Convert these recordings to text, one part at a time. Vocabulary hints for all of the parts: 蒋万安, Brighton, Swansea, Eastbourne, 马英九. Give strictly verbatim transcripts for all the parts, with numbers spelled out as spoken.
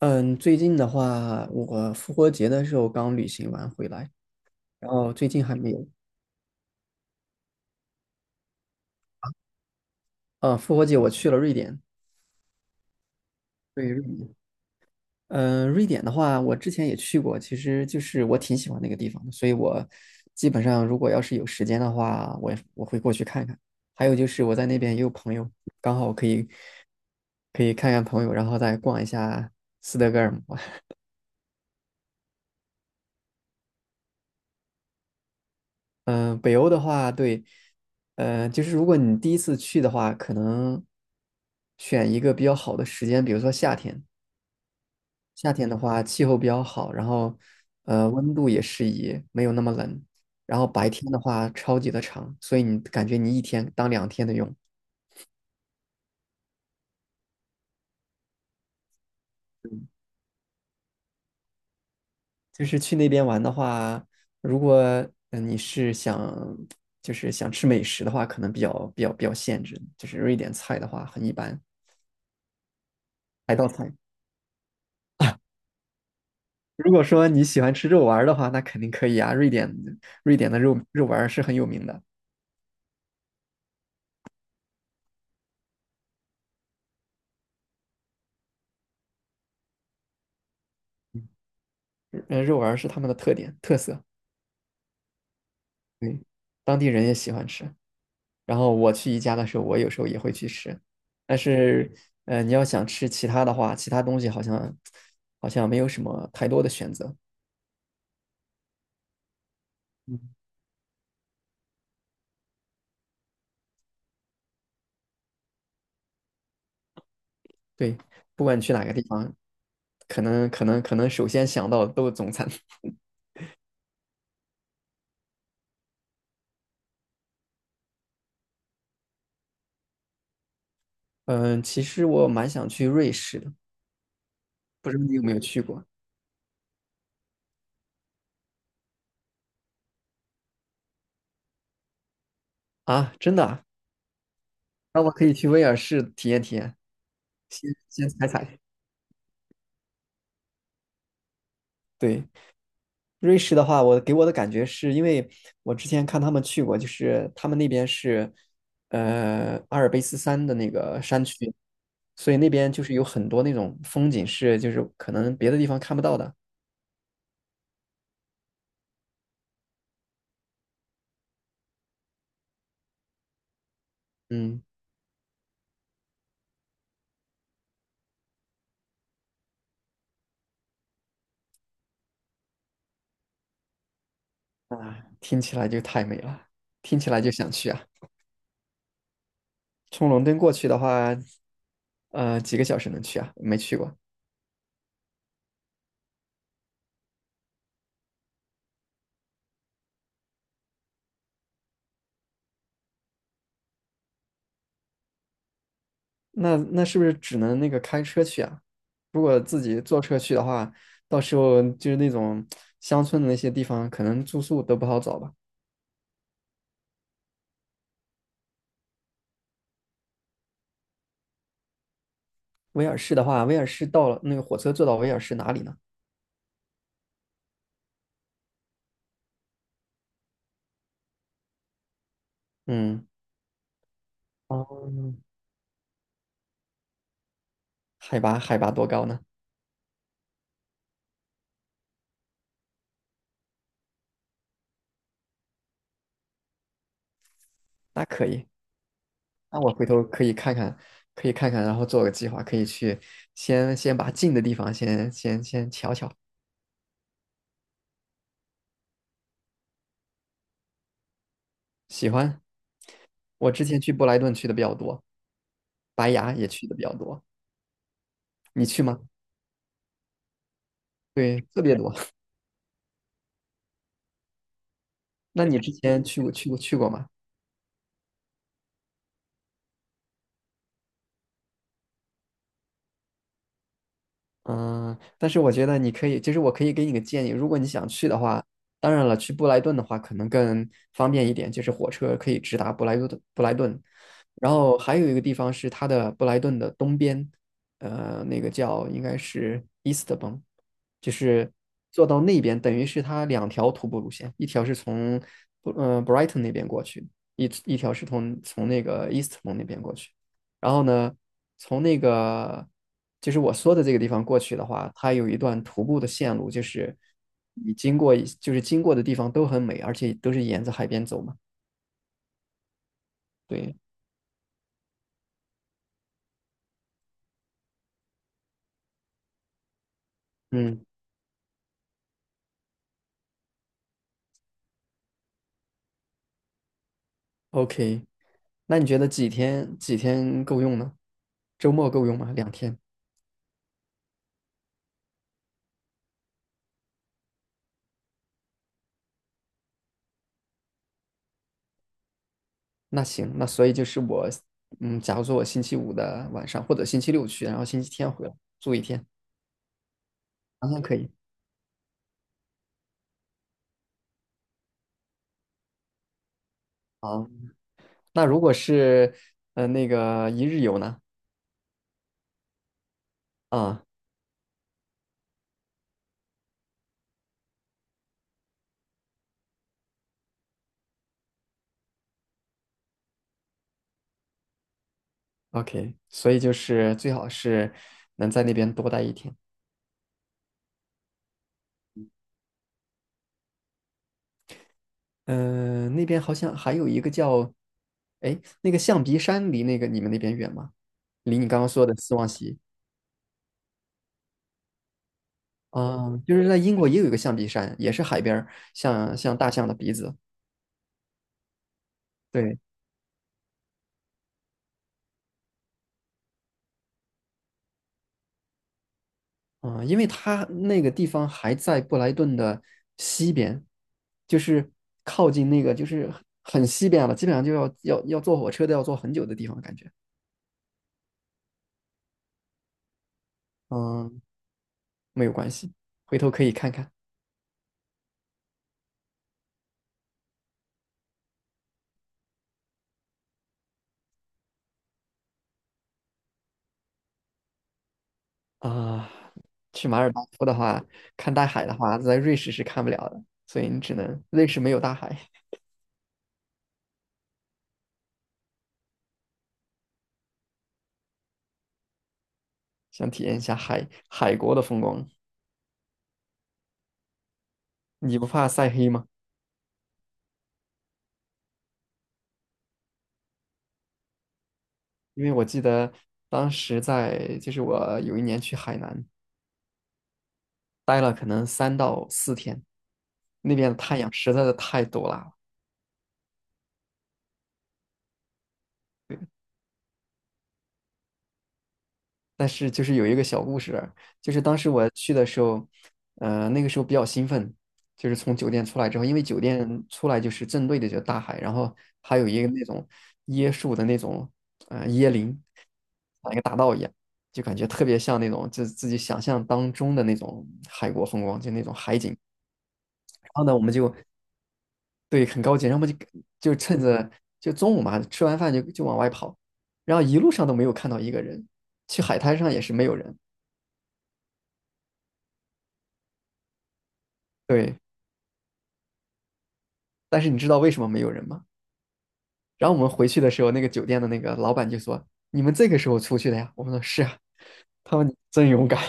嗯，最近的话，我复活节的时候刚旅行完回来，然后最近还没有。嗯，复活节我去了瑞典，对，瑞典。嗯，瑞典的话，我之前也去过，其实就是我挺喜欢那个地方的，所以我基本上如果要是有时间的话，我我会过去看看。还有就是我在那边也有朋友，刚好可以可以看看朋友，然后再逛一下斯德哥尔摩。嗯、呃北欧的话，对，呃，就是如果你第一次去的话，可能选一个比较好的时间，比如说夏天。夏天的话，气候比较好，然后呃，温度也适宜，没有那么冷。然后白天的话，超级的长，所以你感觉你一天当两天的用。就是去那边玩的话，如果嗯、呃你是想就是想吃美食的话，可能比较比较比较限制，就是瑞典菜的话很一般，海盗菜。如果说你喜欢吃肉丸儿的话，那肯定可以啊。瑞典，瑞典的肉肉丸儿是很有名的。嗯呃，肉丸儿是他们的特点特色，对，当地人也喜欢吃。然后我去宜家的时候，我有时候也会去吃，但是，呃，你要想吃其他的话，其他东西好像好像没有什么太多的选择。嗯，对，不管你去哪个地方，可能可能可能首先想到的都是中餐。嗯，其实我蛮想去瑞士的，不知道你有没有去过啊？真的啊，那我可以去威尔士体验体验，先先踩踩。对，瑞士的话，我给我的感觉是因为我之前看他们去过，就是他们那边是呃阿尔卑斯山的那个山区，所以那边就是有很多那种风景是就是可能别的地方看不到的。嗯，听起来就太美了，听起来就想去啊。从伦敦过去的话，呃，几个小时能去啊？没去过。那那是不是只能那个开车去啊？如果自己坐车去的话，到时候就是那种乡村的那些地方，可能住宿都不好找吧。威尔士的话，威尔士到了那个火车坐到威尔士哪里呢？嗯，哦，海拔海拔多高呢？那可以，那我回头可以看看，可以看看，然后做个计划，可以去先先把近的地方先先先瞧瞧。喜欢，我之前去布莱顿去的比较多，白崖也去的比较多。你去吗？对，特别多。那你之前去过去过去过吗？嗯，但是我觉得你可以，其实我可以给你个建议，如果你想去的话，当然了，去布莱顿的话可能更方便一点，就是火车可以直达布莱顿布莱顿。然后还有一个地方是它的布莱顿的东边，呃，那个叫应该是 Eastbourne,就是坐到那边，等于是它两条徒步路线，一条是从呃 Brighton 那边过去，一一条是从从那个 Eastbourne 那边过去。然后呢，从那个就是我说的这个地方过去的话，它有一段徒步的线路，就是你经过一就是经过的地方都很美，而且都是沿着海边走嘛。对，嗯，OK,那你觉得几天几天够用呢？周末够用吗？两天？那行，那所以就是我，嗯，假如说我星期五的晚上或者星期六去，然后星期天回来住一天，两天可以。好，那如果是呃那个一日游呢？啊。OK,所以就是最好是能在那边多待一天。嗯、那边好像还有一个叫，哎，那个象鼻山离那个你们那边远吗？离你刚刚说的斯旺西。啊、就是在英国也有一个象鼻山，也是海边儿像像大象的鼻子。对，啊、因为它那个地方还在布莱顿的西边，就是靠近那个就是很西边了，基本上就要要要坐火车都要坐很久的地方，感觉。嗯、没有关系，回头可以看看。啊、去马尔代夫的话，看大海的话，在瑞士是看不了的，所以你只能，瑞士没有大海，想体验一下海海国的风光。你不怕晒黑吗？因为我记得当时在，就是我有一年去海南，待了可能三到四天，那边的太阳实在是太毒辣。但是就是有一个小故事，就是当时我去的时候，呃，那个时候比较兴奋，就是从酒店出来之后，因为酒店出来就是正对着就大海，然后还有一个那种椰树的那种呃椰林，像一个大道一样，就感觉特别像那种就自己想象当中的那种海国风光，就那种海景。然后呢，我们就，对很高级，然后我们就就趁着就中午嘛，吃完饭就就往外跑，然后一路上都没有看到一个人，去海滩上也是没有人，对。但是你知道为什么没有人吗？然后我们回去的时候，那个酒店的那个老板就说："你们这个时候出去的呀？"我们说："是啊。"他们真勇敢。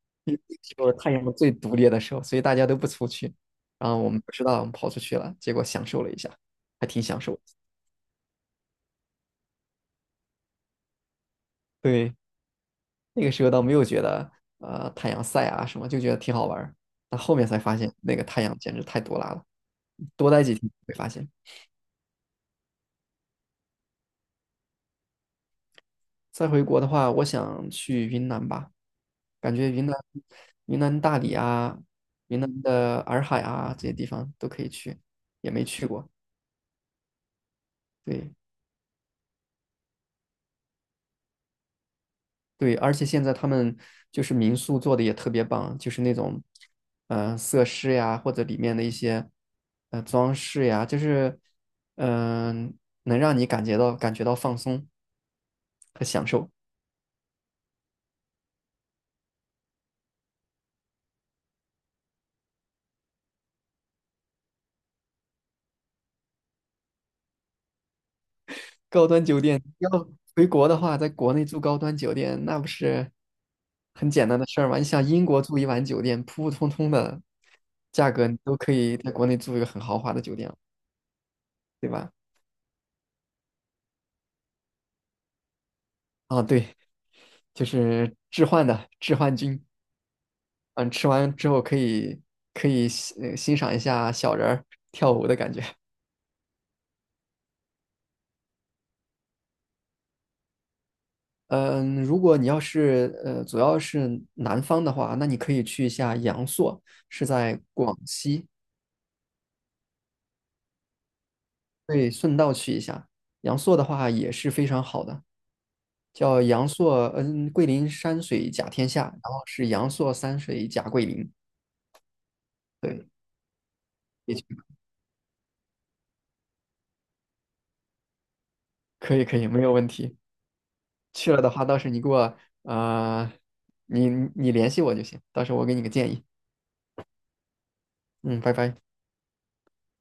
因为那时候太阳最毒烈的时候，所以大家都不出去。然后我们不知道，我们跑出去了，结果享受了一下，还挺享受的。对，那个时候倒没有觉得呃太阳晒啊什么，就觉得挺好玩儿。但后面才发现，那个太阳简直太毒辣了。多待几天会发现。再回国的话，我想去云南吧。感觉云南、云南大理啊、云南的洱海啊这些地方都可以去，也没去过。对对，而且现在他们就是民宿做的也特别棒，就是那种呃设施呀，或者里面的一些呃装饰呀，就是嗯、能让你感觉到感觉到放松和享受。高端酒店要回国的话，在国内住高端酒店，那不是很简单的事儿吗？你想英国住一晚酒店，普普通通的价格，你都可以在国内住一个很豪华的酒店了，对吧？啊，对，就是置换的置换君，嗯，吃完之后可以可以欣呃欣赏一下小人儿跳舞的感觉。嗯，如果你要是呃主要是南方的话，那你可以去一下阳朔，是在广西。对，顺道去一下。阳朔的话也是非常好的，叫阳朔，嗯，桂林山水甲天下，然后是阳朔山水甲桂林。对，也去可以可以，没有问题。去了的话，到时你给我，呃，你你联系我就行，到时候我给你个建议。嗯，拜拜。